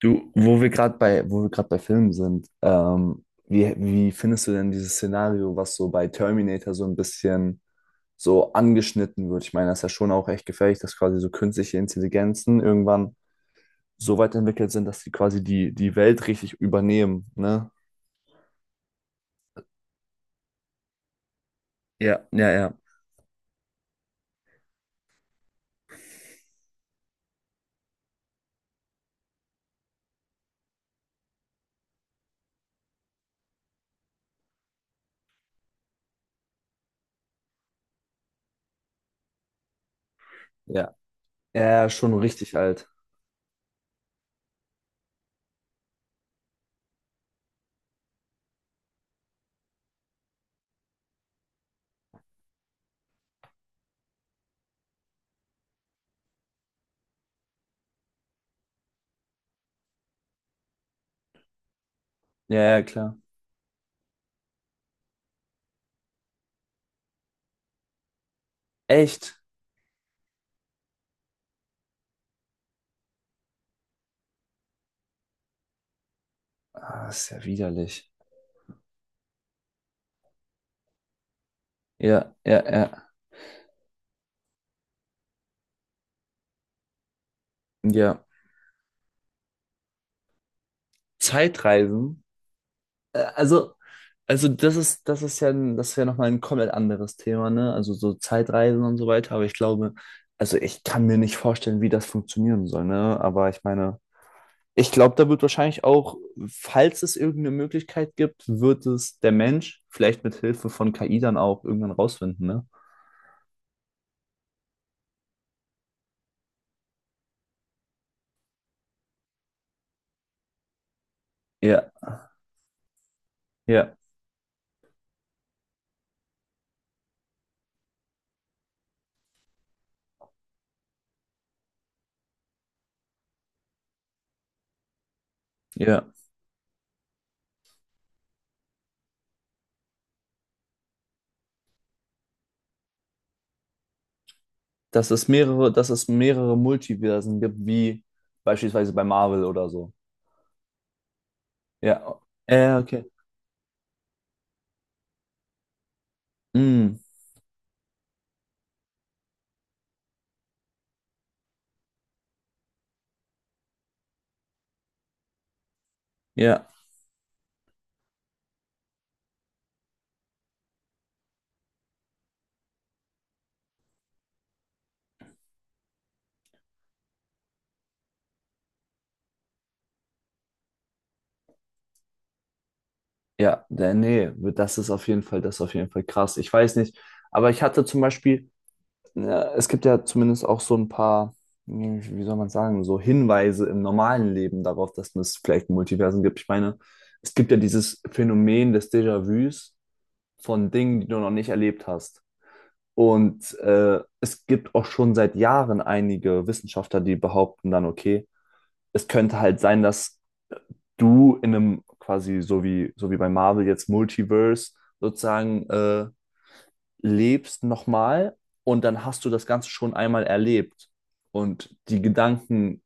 Du, wo wir gerade bei Filmen sind, wie findest du denn dieses Szenario, was so bei Terminator so ein bisschen so angeschnitten wird? Ich meine, das ist ja schon auch echt gefährlich, dass quasi so künstliche Intelligenzen irgendwann so weit entwickelt sind, dass sie quasi die Welt richtig übernehmen, ne? Ja, ja, ja. Ja. Ja, schon richtig alt. Ja, ja, klar. Echt? Ah, ist ja widerlich. Ja, ja, ja. Ja. Zeitreisen? Äh, Also, also das ist, das ist ja nochmal ein komplett anderes Thema, ne? Also so Zeitreisen und so weiter, aber ich glaube, also ich kann mir nicht vorstellen, wie das funktionieren soll, ne? Aber ich meine, ich glaube, da wird wahrscheinlich auch, falls es irgendeine Möglichkeit gibt, wird es der Mensch vielleicht mit Hilfe von KI dann auch irgendwann rausfinden, ne? Ja, ja, ja. Dass es mehrere Multiversen gibt, wie beispielsweise bei Marvel oder so. Ja. Okay. Mm, ja. Nee, das ist auf jeden Fall, das ist auf jeden Fall krass. Ich weiß nicht, aber ich hatte zum Beispiel, äh, es gibt ja zumindest auch so ein paar, hm, wie soll man sagen, so Hinweise im normalen Leben darauf, dass es vielleicht Multiversen gibt. Ich meine, es gibt ja dieses Phänomen des Déjà-vus von Dingen, die du noch nicht erlebt hast. Und es gibt auch schon seit Jahren einige Wissenschaftler, die behaupten dann, okay, es könnte halt sein, dass du in einem quasi so wie bei Marvel jetzt Multiverse sozusagen lebst nochmal und dann hast du das Ganze schon einmal erlebt und die Gedanken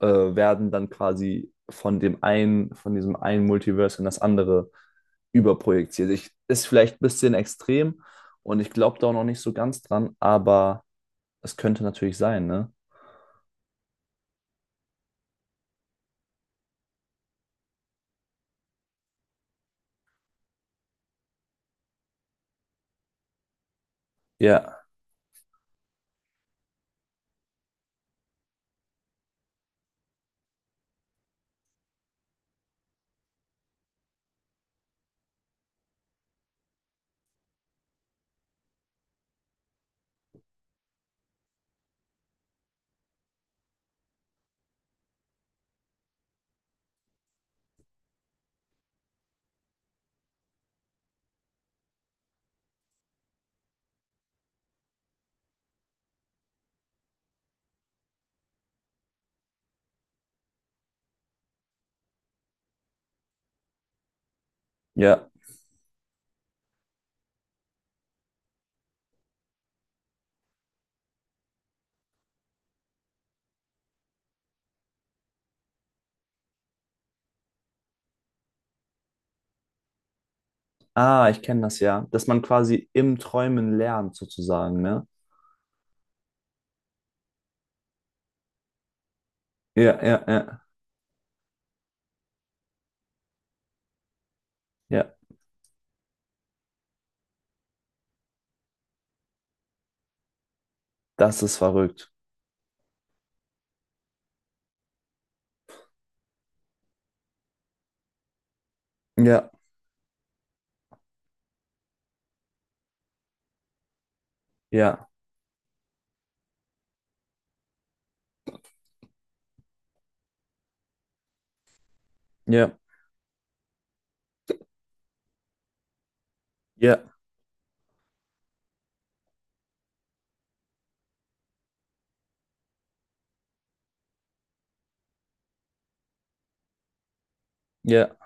werden dann quasi von dem einen, von diesem einen Multiverse in das andere überprojiziert. Ich, ist vielleicht ein bisschen extrem und ich glaube da auch noch nicht so ganz dran, aber es könnte natürlich sein, ne? Ja, ja. Ah, ich kenne das ja, dass man quasi im Träumen lernt sozusagen, ne? Ja, ja, ja. Ja, das ist verrückt. Ja, ja, ja, ja, ja.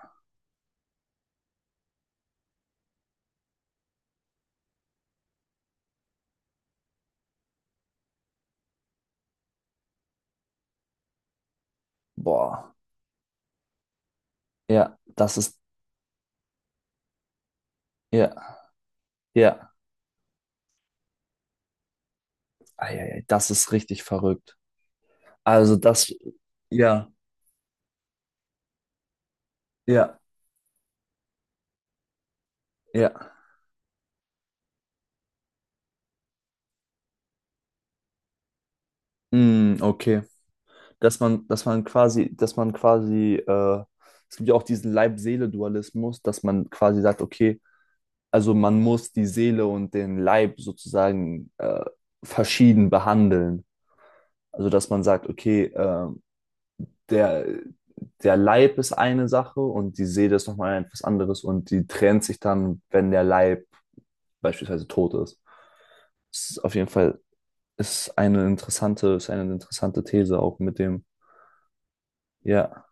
Boah. Ja, das ist, ja, ja. Eieiei, das ist richtig verrückt. Also das, ja, ja, ja. Mm, okay. Dass man, dass man quasi, dass man quasi, äh, es gibt ja auch diesen Leib-Seele-Dualismus, dass man quasi sagt, okay, also man muss die Seele und den Leib sozusagen verschieden behandeln. Also dass man sagt, okay, der, der Leib ist eine Sache und die Seele ist nochmal etwas anderes und die trennt sich dann, wenn der Leib beispielsweise tot ist. Das ist auf jeden Fall ist eine interessante These auch mit dem, ja,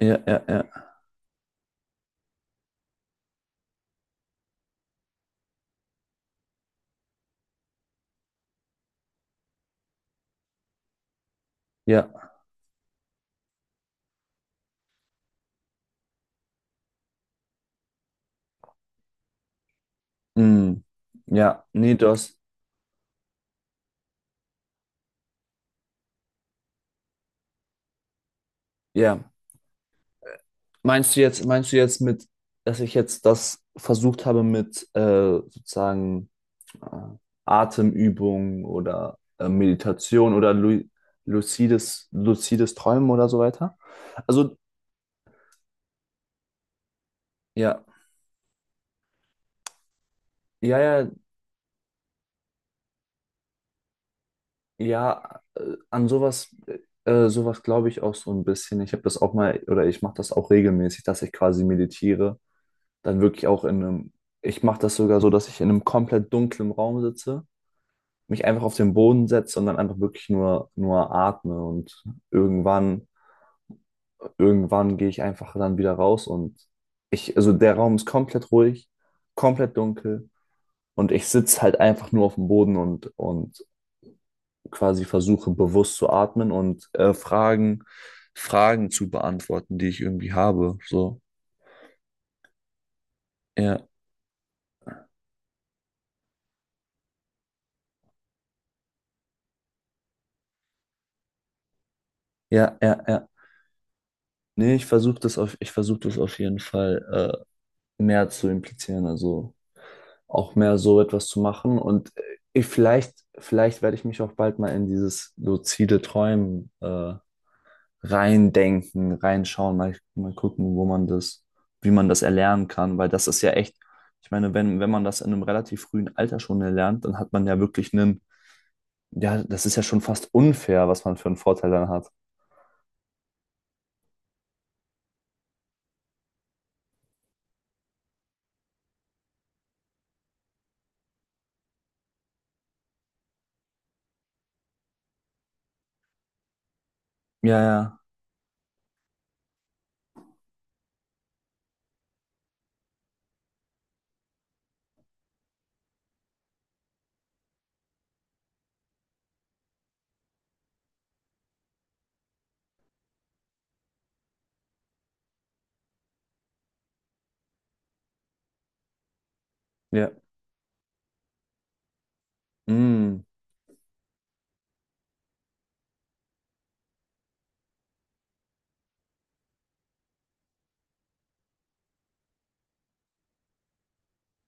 ja, ja, ja, ja, mm, ja, nee, das, ja. Meinst du jetzt mit, dass ich jetzt das versucht habe mit sozusagen äh, Atemübungen oder Meditation oder lu lucides Träumen oder so weiter. Also, ja, ja, ja, ja, an sowas, sowas glaube ich auch so ein bisschen. Ich habe das auch mal, oder ich mache das auch regelmäßig, dass ich quasi meditiere. Dann wirklich auch in einem, ich mache das sogar so, dass ich in einem komplett dunklen Raum sitze, mich einfach auf den Boden setze und dann einfach wirklich nur atme und irgendwann irgendwann gehe ich einfach dann wieder raus und ich, also der Raum ist komplett ruhig, komplett dunkel und ich sitze halt einfach nur auf dem Boden und quasi versuche bewusst zu atmen und Fragen zu beantworten, die ich irgendwie habe. So, ja, ja, ja, ja. Nee, ich versuche das auf, ich versuche das auf jeden Fall mehr zu implizieren, also auch mehr so etwas zu machen und ich, vielleicht, vielleicht werde ich mich auch bald mal in dieses luzide Träumen reindenken, reinschauen, mal, mal gucken, wo man das, wie man das erlernen kann, weil das ist ja echt, ich meine, wenn, wenn man das in einem relativ frühen Alter schon erlernt, dann hat man ja wirklich einen, ja, das ist ja schon fast unfair, was man für einen Vorteil dann hat. Ja, ja, ja, mm,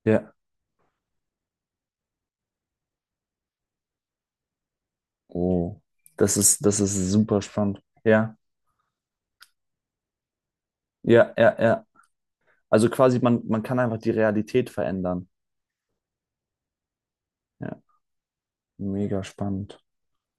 ja, oh, das ist super spannend. Ja, ja, ja, ja. Also quasi, man kann einfach die Realität verändern. Ja, mega spannend.